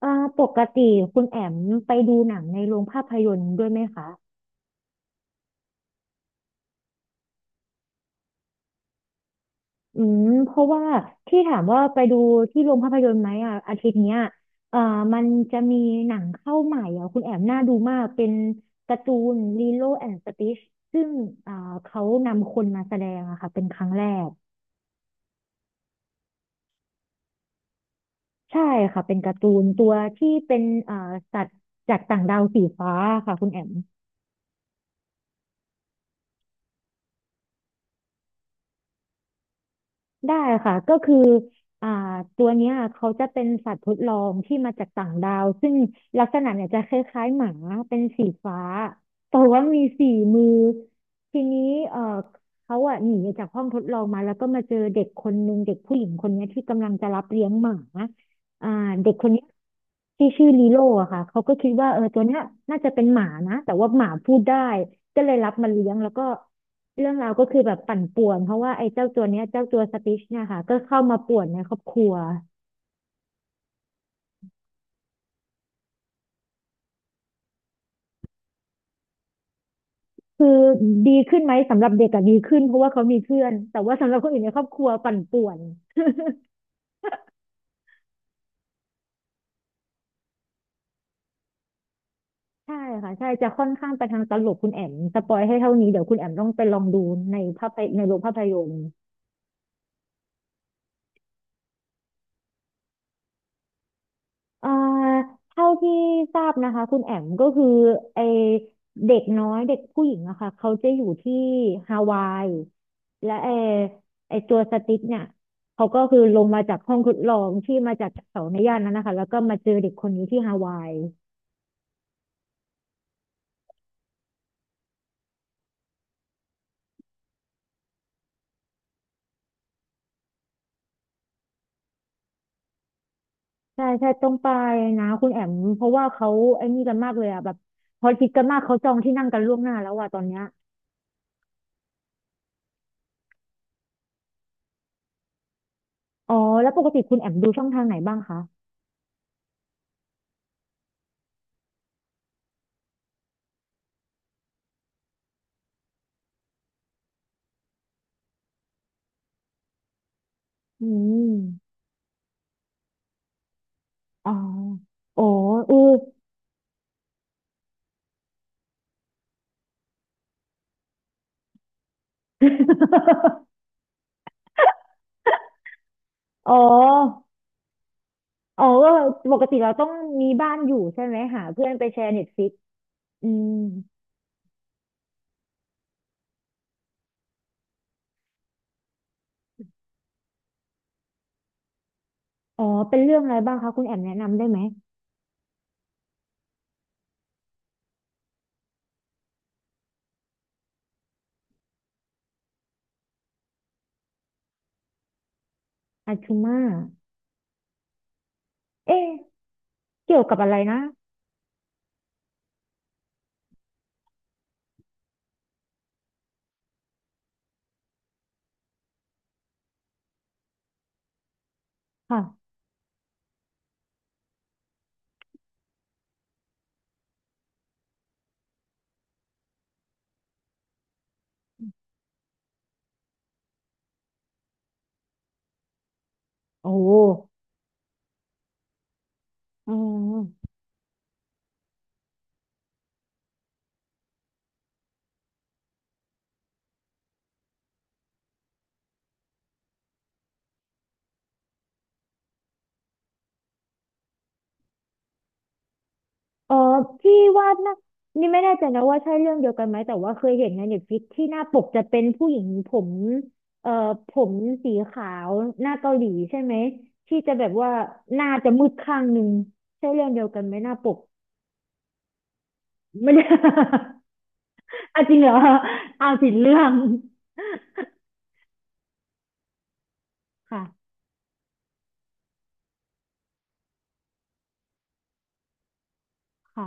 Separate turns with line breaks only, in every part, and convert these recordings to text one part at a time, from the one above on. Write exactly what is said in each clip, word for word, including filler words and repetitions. เอ่อปกติคุณแอมไปดูหนังในโรงภาพยนตร์ด้วยไหมคะอืมเพราะว่าที่ถามว่าไปดูที่โรงภาพยนตร์ไหมอ่ะอาทิตย์เนี้ยเอ่อมันจะมีหนังเข้าใหม่อ่ะคุณแอมน่าดูมากเป็นการ์ตูนลีโลแอนด์สติชซึ่งอ่าเขานำคนมาแสดงอะค่ะเป็นครั้งแรกใช่ค่ะเป็นการ์ตูนตัวที่เป็นเอ่าสัตว์จากต่างดาวสีฟ้าค่ะคุณแอม ได้ค่ะก็คืออ่าตัวเนี้ยเขาจะเป็นสัตว์ทดลองที่มาจากต่างดาวซึ่งลักษณะเนี่ยจะคล้ายๆหมาเป็นสีฟ้าแต่ว่ามีสี่มือทีนี้เอ่อเขาอะหนีจากห้องทดลองมาแล้วก็มาเจอเด็กคนนึงเด็กผู้หญิงคนเนี้ยที่กำลังจะรับเลี้ยงหมา อ่าเด็กคนเนี้ยที่ชื่อลีโลอะค่ะเขาก็คิดว่าเออตัวเนี้ยน่าจะเป็นหมานะแต่ว่าหมาพูดได้ก็เลยรับมาเลี้ยงแล้วก็เรื่องราวก็คือแบบปั่นป่วนเพราะว่าไอ้เจ้าตัวเนี้ยเจ้าตัวสติชเนี่ยค่ะก็เข้ามาป่วนในครอบครัวคือดีขึ้นไหมสำหรับเด็กอะดีขึ้นเพราะว่าเขามีเพื่อนแต่ว่าสำหรับคนอื่นในครอบครัวปั่นป่วนใช่ค่ะใช่จะค่อนข้างไปทางตลกคุณแอมสปอยให้เท่านี้เดี๋ยวคุณแอมต้องไปลองดูในภาพยในโรงภาพยนตร์ เอ่อเท่าที่ทราบนะคะคุณแอมก็คือไอเด็กน้อยเด็กผู้หญิงอะค่ะเขาจะอยู่ที่ฮาวายและไอไอตัวสติ๊กเนี่ยเขาก็คือลงมาจากห้องทดลองที่มาจากเสาในย่านนั้นนะคะแล้วก็มาเจอเด็กคนนี้ที่ฮาวายใช่ใช่ต้องไปนะคุณแอมเพราะว่าเขาไอ้นี่กันมากเลยอะแบบพอคิดกันมากเขาจองที่นั่งกันล่วงหน้าแล้วอะตอนเนี้ยอ๋อแล้วปกติคุณแอมดูช่องทางไหนบ้างคะอืมอ๋อโอ้เออ อ๋ออ๋อก็ปกติเราต้องมีบ้านอยู่ใช่ไหมหาเพื่อนไปแชร์เน็ตฟลิกอืมอ๋อเป็นเรื่องอะไรบ้างคะคุณแอมแนะนำได้ไหมอาชูมา เอ๊ะเกี่ยวกับอะไรนะค่ะโอ้อ๋ออ๋อพี่ว่านะนี่ไม่แน่ใจนะว่าใช่เรื่องเดียวกันไหมแต่ว่าเคยเห็นในเน็ตฟลิกที่หน้าปกจะเป็นผู้หญิงผมเอ่อผมสีขาวหน้าเกาหลีใช่ไหม ที่จะแบบว่าหน้าจะมืดข้างหนึ่งใช่เรื่องเดียวกันไหมหน้าปก ไม่ได้ อ่ะจริงเหรออ้าวผิดเรื่อง ค่ะค่ะ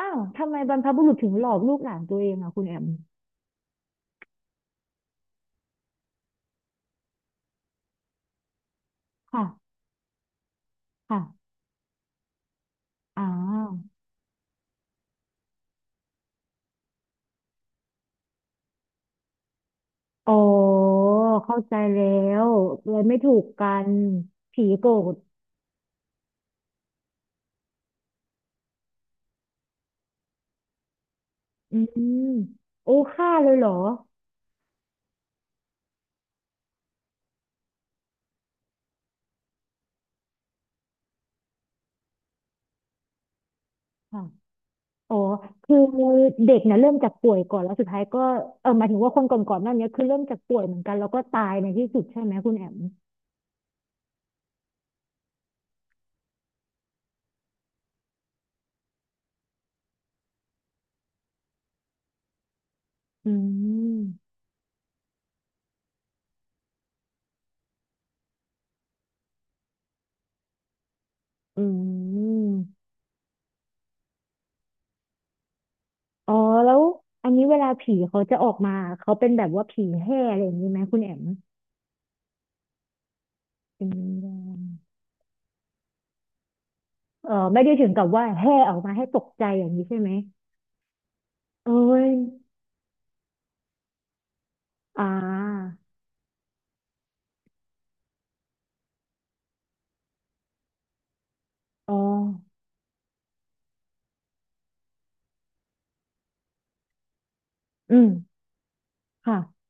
อ้าวทำไมบรรพบุรุษถึงหลอกลูกหลานตัวเองอ่ะคุณแอมค่ะค่ะอ้าวอ๋อเข้าใจแล้วเลยไม่ถูกกันผีโกรธอืมโอ้ฆ่าเลยเหรอค่ะอ๋อคือเด็กเนี่ยเริ่มจากป่วยก่อนแล้วสุดท้ายก็เออหมายถึงว่าคนก่อนๆหน้านี้คือเริ่มจากป่วยเหมือนกันแล้วก็ตายในที่สุดใช่ไหมคุณแอมอืม อืมอ๋อแล้วอันนี้เวลาผีเขาจะออกมาเขาเป็นแบบว่าผีแห่อะไรอย่างนี้ไหมคุณแอมเป็นวิญญาณเออไม่ได้ถึงกับว่าแห่ออกมาให้ตกใจอย่างนี้ใช่ไหมเอ้ยอ่าอ๋ออืมค่ะ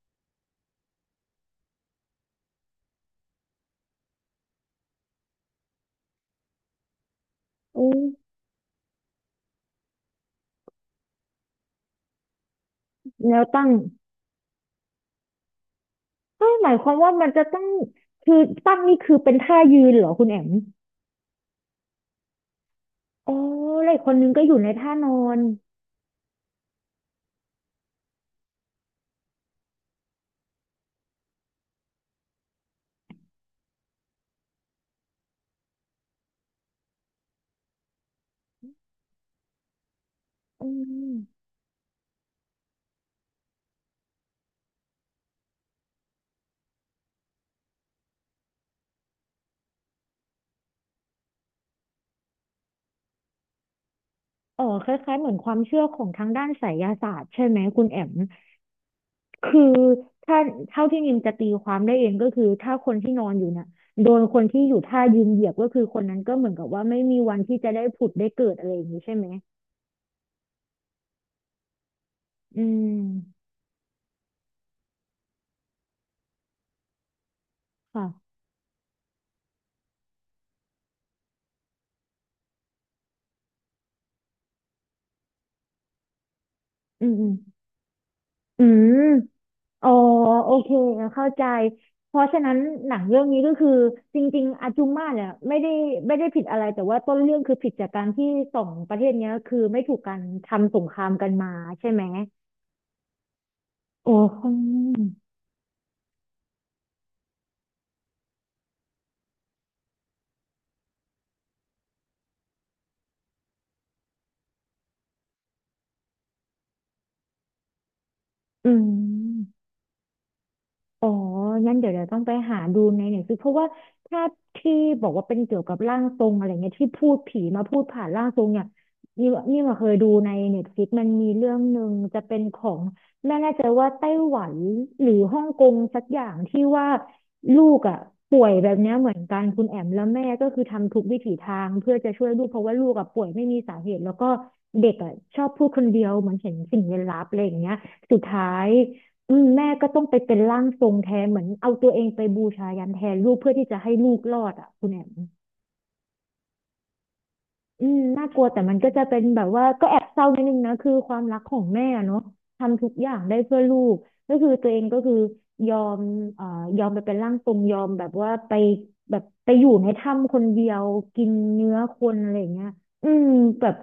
โอ้แนวตั้งเอ้ยหมายความว่ามันจะต้องคือตั้งนี่คือเป็นท่ายืนเหรอคุณแอมอ๋อแล้วอีกคนนึงก็อยู่ในท่านอนอืมอ๋อคล้ายๆเหมือนความเชื่อของทางด้านไสยศาสตร์ใช่ไหมคุณแอม คือถ้าเท่าที่นิมจะตีความได้เองก็คือถ้าคนที่นอนอยู่น่ะโดนคนที่อยู่ท่ายืนเหยียบก็คือคนนั้นก็เหมือนกับว่าไม่มีวันที่จะได้ผุดได้เกิดอะไรอย่างนี้ใช่ไหมอืมค่ะอืมอืมอืมอ๋อโอเคเข้าใจเพราะฉะนั้นหนังเรื่องนี้ก็คือจริงๆอาจุมมาเนี่ยไม่ได้ไม่ได้ผิดอะไรแต่ว่าต้นเรื่องคือผิดจากการที่สองประเทศเนี้ยคือไม่ถูกกันทำสงครามกันมาใช่ไหมโอ้อืม อ๋องั้นเดี๋ยวเดี๋ยวต้องไปหาดูในหนังสือเพราะว่าถ้าที่บอกว่าเป็นเกี่ยวกับร่างทรงอะไรเงี้ยที่พูดผีมาพูดผ่านร่างทรงเนี่ยนี่นี่มาเคยดูในเน็ตฟลิกมันมีเรื่องหนึ่งจะเป็นของไม่แน่ใจว่าไต้หวันหรือฮ่องกงสักอย่างที่ว่าลูกอ่ะป่วยแบบเนี้ยเหมือนกันคุณแอมแล้วแม่ก็คือทำทุกวิถีทางเพื่อจะช่วยลูกเพราะว่าลูกอ่ะป่วยไม่มีสาเหตุแล้วก็เด็กอ่ะชอบพูดคนเดียวเหมือนเห็นสิ่งลี้ลับอะไรอย่างเงี้ยสุดท้าย อืมแม่ก็ต้องไปเป็นร่างทรงแทนเหมือนเอาตัวเองไปบูชายันแทนลูกเพื่อที่จะให้ลูกรอดอ่ะคุณแอมอืมน่ากลัวแต่มันก็จะเป็นแบบว่าก็แอบเศร้านิดนึงนะคือความรักของแม่อะเนาะทำทุกอย่างได้เพื่อลูกก็คือตัวเองก็คือยอมเอ่อยอมไปเป็นร่างทรงยอมแบบว่าไปแบบไปอยู่ในถ้ำคนเดียวกินเนื้อคนอะไรอย่างเงี้ยอืมแบบ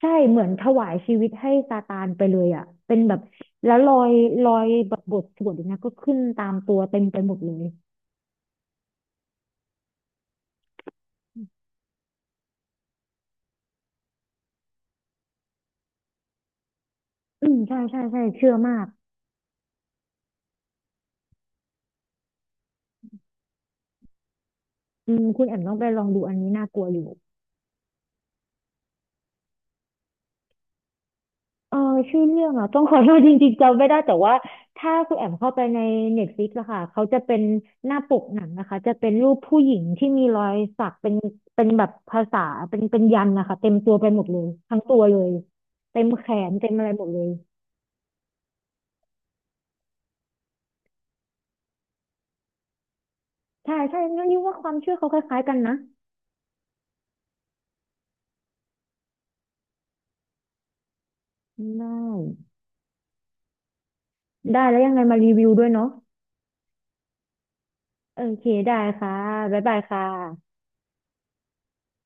ใช่เหมือนถวายชีวิตให้ซาตานไปเลยอ่ะเป็นแบบแล้วรอยรอยแบบบทสวดอย่างเงี้ยก็ขึ้นตามตัวเต็มไปหมดเลย อืมใช่ใช่ใช่เชื่อมากอืมคุณแอมต้องไปลองดูอันนี้น่ากลัวอยู่เออชื่อเรื่องอ่ะต้องขอโทษจริงๆจำไม่ได้แต่ว่าถ้าคุณแอมเข้าไปใน เน็ตฟลิกซ์ อะค่ะเขาจะเป็นหน้าปกหนังนะคะจะเป็นรูปผู้หญิงที่มีรอยสักเป็นเป็นแบบภาษาเป็นเป็นยันต์นะคะเต็มตัวไปหมดเลยทั้งตัวเลยเต็มแขนเต็มอะไรหมดเลย ใช่ใช่งั้นนี่ว่าความเชื่อเขาคล้ายๆกันนะได้ได้แล้วยังไงมารีวิวด้วยเนาะโอเคได้ค่ะบ๊ายบายค่ะ